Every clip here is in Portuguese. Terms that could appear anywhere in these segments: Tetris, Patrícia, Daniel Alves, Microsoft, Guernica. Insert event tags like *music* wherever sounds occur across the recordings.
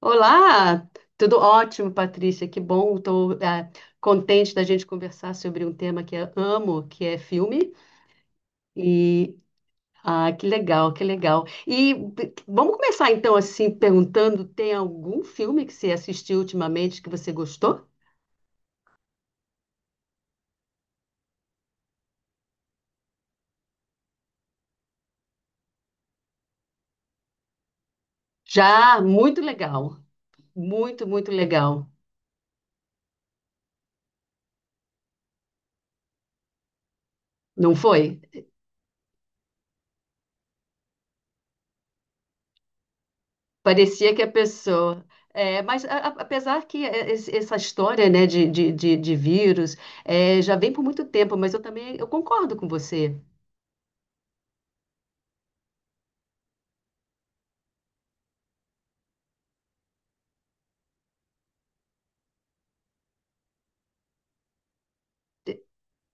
Olá, tudo ótimo, Patrícia. Que bom, estou contente da gente conversar sobre um tema que eu amo, que é filme. E que legal, que legal. Vamos começar então assim perguntando: tem algum filme que você assistiu ultimamente que você gostou? Já, muito legal, muito legal. Não foi? Parecia que a pessoa. É, mas apesar que essa história, né, de vírus é, já vem por muito tempo, mas eu também eu concordo com você.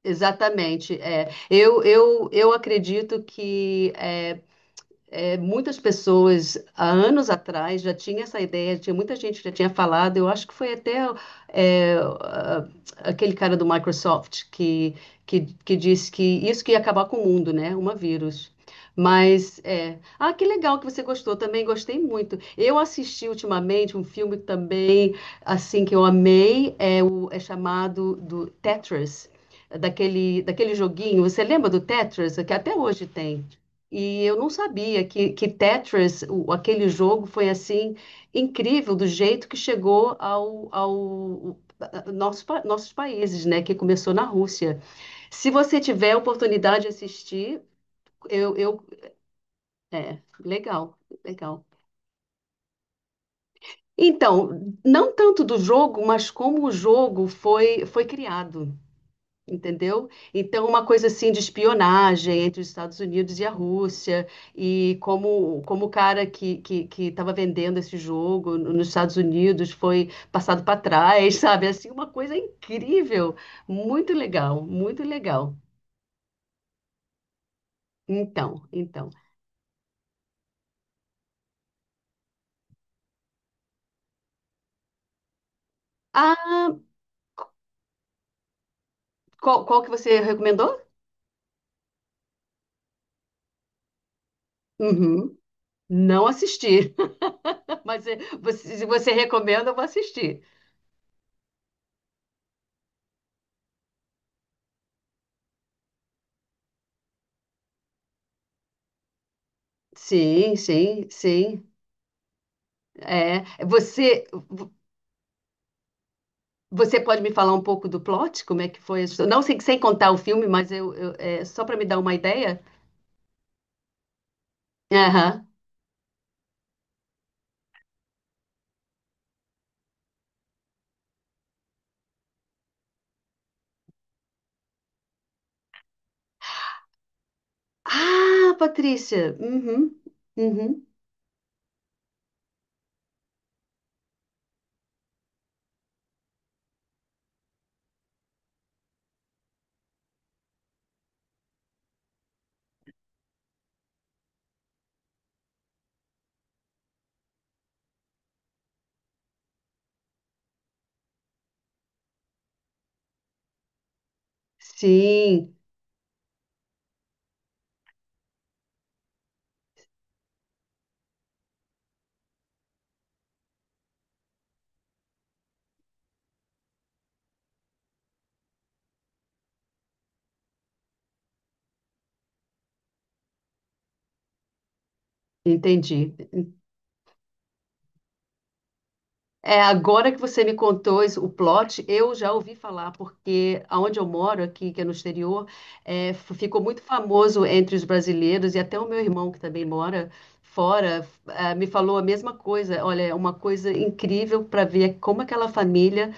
Exatamente. É. Eu acredito que é, é, muitas pessoas, há anos atrás, já tinha essa ideia, tinha muita gente que já tinha falado, eu acho que foi até é, a- aquele cara do Microsoft que disse que isso que ia acabar com o mundo, né? Uma vírus. Mas, é... Ah, que legal que você gostou, também gostei muito. Eu assisti ultimamente um filme também, assim, que eu amei, é chamado do Tetris, daquele joguinho, você lembra do Tetris? Que até hoje tem. E eu não sabia que Tetris, aquele jogo, foi assim incrível do jeito que chegou ao nosso, nossos países, né? Que começou na Rússia. Se você tiver a oportunidade de assistir, eu é legal, legal. Então, não tanto do jogo, mas como o jogo foi criado. Entendeu? Então, uma coisa assim de espionagem entre os Estados Unidos e a Rússia, e como, como o cara que estava vendendo esse jogo nos Estados Unidos foi passado para trás, *laughs* sabe? Assim, uma coisa incrível, muito legal, muito legal. Então, então. Ah, qual que você recomendou? Uhum. Não assisti, *laughs* mas é, se você recomenda, eu vou assistir. Sim, sim, sim. É, você você pode me falar um pouco do plot? Como é que foi? A história? Não sei, sem contar o filme, mas é, só para me dar uma ideia. Aham. Ah, Patrícia. Uhum, uhum. Sim, entendi. É agora que você me contou isso, o plot, eu já ouvi falar porque aonde eu moro aqui, que é no exterior, é, ficou muito famoso entre os brasileiros e até o meu irmão que também mora fora, me falou a mesma coisa. Olha, é uma coisa incrível para ver como aquela família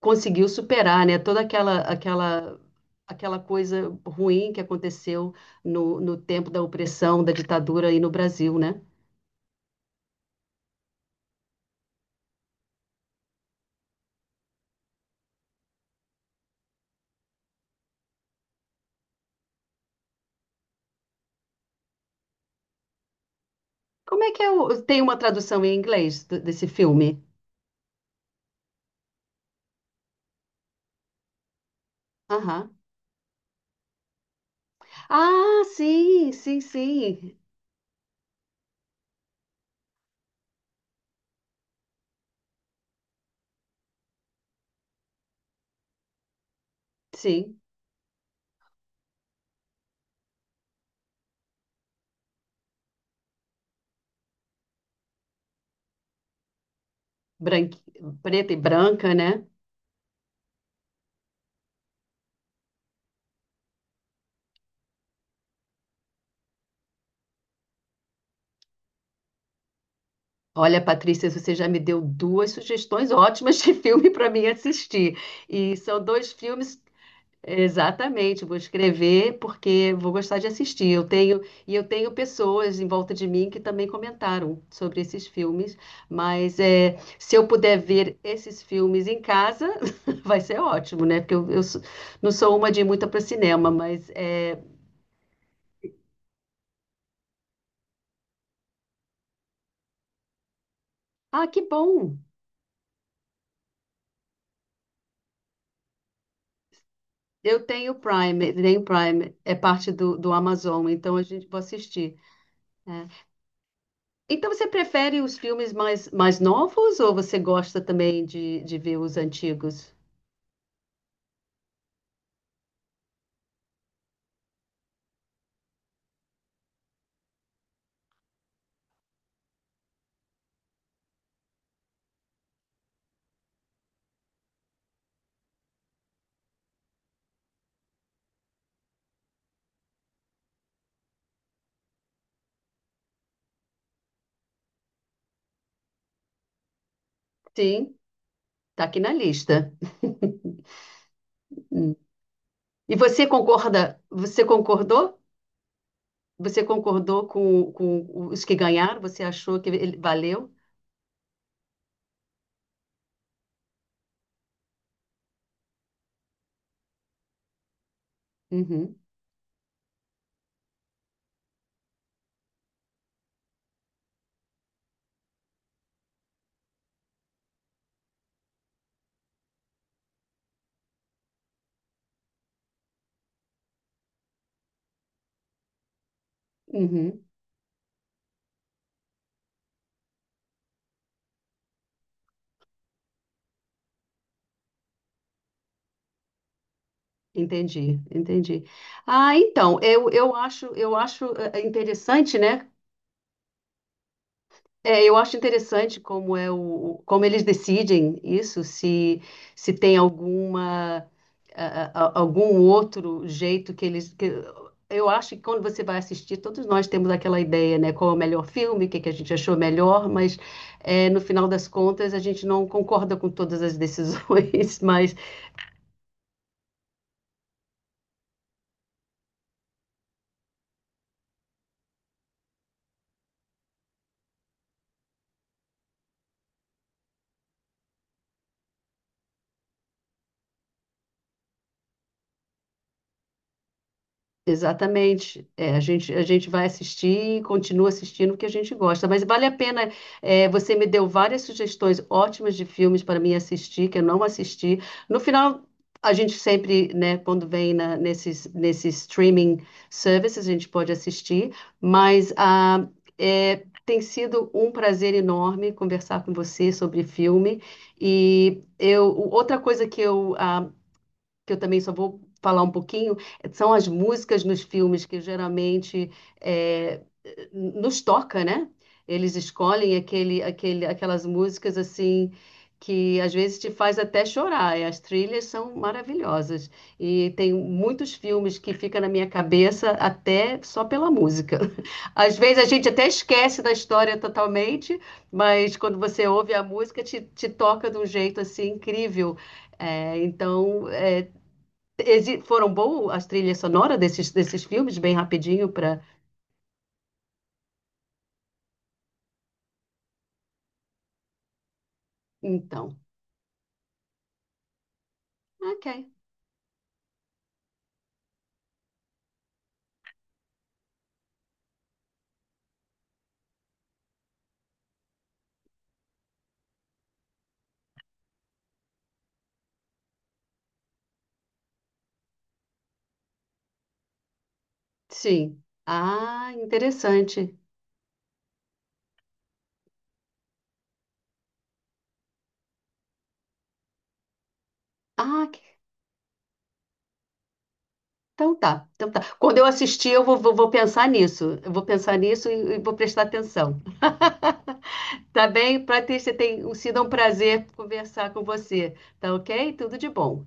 conseguiu superar, né, toda aquela coisa ruim que aconteceu no tempo da opressão, da ditadura aí no Brasil, né? Como é que é o, tem uma tradução em inglês desse filme? Aham. Ah, sim, sim, sim. Sim, branqui, preta e branca, né? Olha, Patrícia, você já me deu duas sugestões ótimas de *laughs* filme para mim assistir. E são dois filmes. Exatamente, vou escrever porque vou gostar de assistir. Eu tenho, e eu tenho pessoas em volta de mim que também comentaram sobre esses filmes, mas é, se eu puder ver esses filmes em casa, *laughs* vai ser ótimo, né? Porque eu não sou uma de ir muito para cinema, mas é... Ah, que bom! Eu tenho Prime, é parte do Amazon, então a gente vai assistir. Né? Então você prefere os filmes mais, mais novos ou você gosta também de ver os antigos? Sim, tá aqui na lista. Hum. E você concorda? Você concordou? Você concordou com os que ganharam? Você achou que ele valeu? Uhum, uhum. Entendi, entendi. Ah, então, eu acho interessante, né? É, eu acho interessante como é o, como eles decidem isso, se tem alguma algum outro jeito que eles. Eu acho que quando você vai assistir, todos nós temos aquela ideia, né? Qual é o melhor filme, que a gente achou melhor, mas é, no final das contas a gente não concorda com todas as decisões, *laughs* mas exatamente. É, a gente vai assistir e continua assistindo o que a gente gosta. Mas vale a pena. É, você me deu várias sugestões ótimas de filmes para mim assistir, que eu não assisti. No final, a gente sempre, né, quando vem na, nesses, nesses streaming services, a gente pode assistir. Mas é, tem sido um prazer enorme conversar com você sobre filme. E eu, outra coisa que eu que eu também só vou falar um pouquinho, eh, são as músicas nos filmes que geralmente é, nos toca, né? Eles escolhem aquelas músicas assim que às vezes te faz até chorar. E as trilhas são maravilhosas. E tem muitos filmes que fica na minha cabeça até só pela música. *laughs* Às vezes a gente até esquece da história totalmente, mas quando você ouve a música, te toca de um jeito assim incrível. É, então, é, Foram boas as trilhas sonoras desses filmes, bem rapidinho para. Então, ok. Sim. Ah, interessante. Ah, que- então tá. Então tá. Quando eu assistir, eu vou, vou, vou pensar nisso. Eu vou pensar nisso e vou prestar atenção. Tá bem? Patrícia, tem sido um prazer conversar com você. Tá ok? Tudo de bom.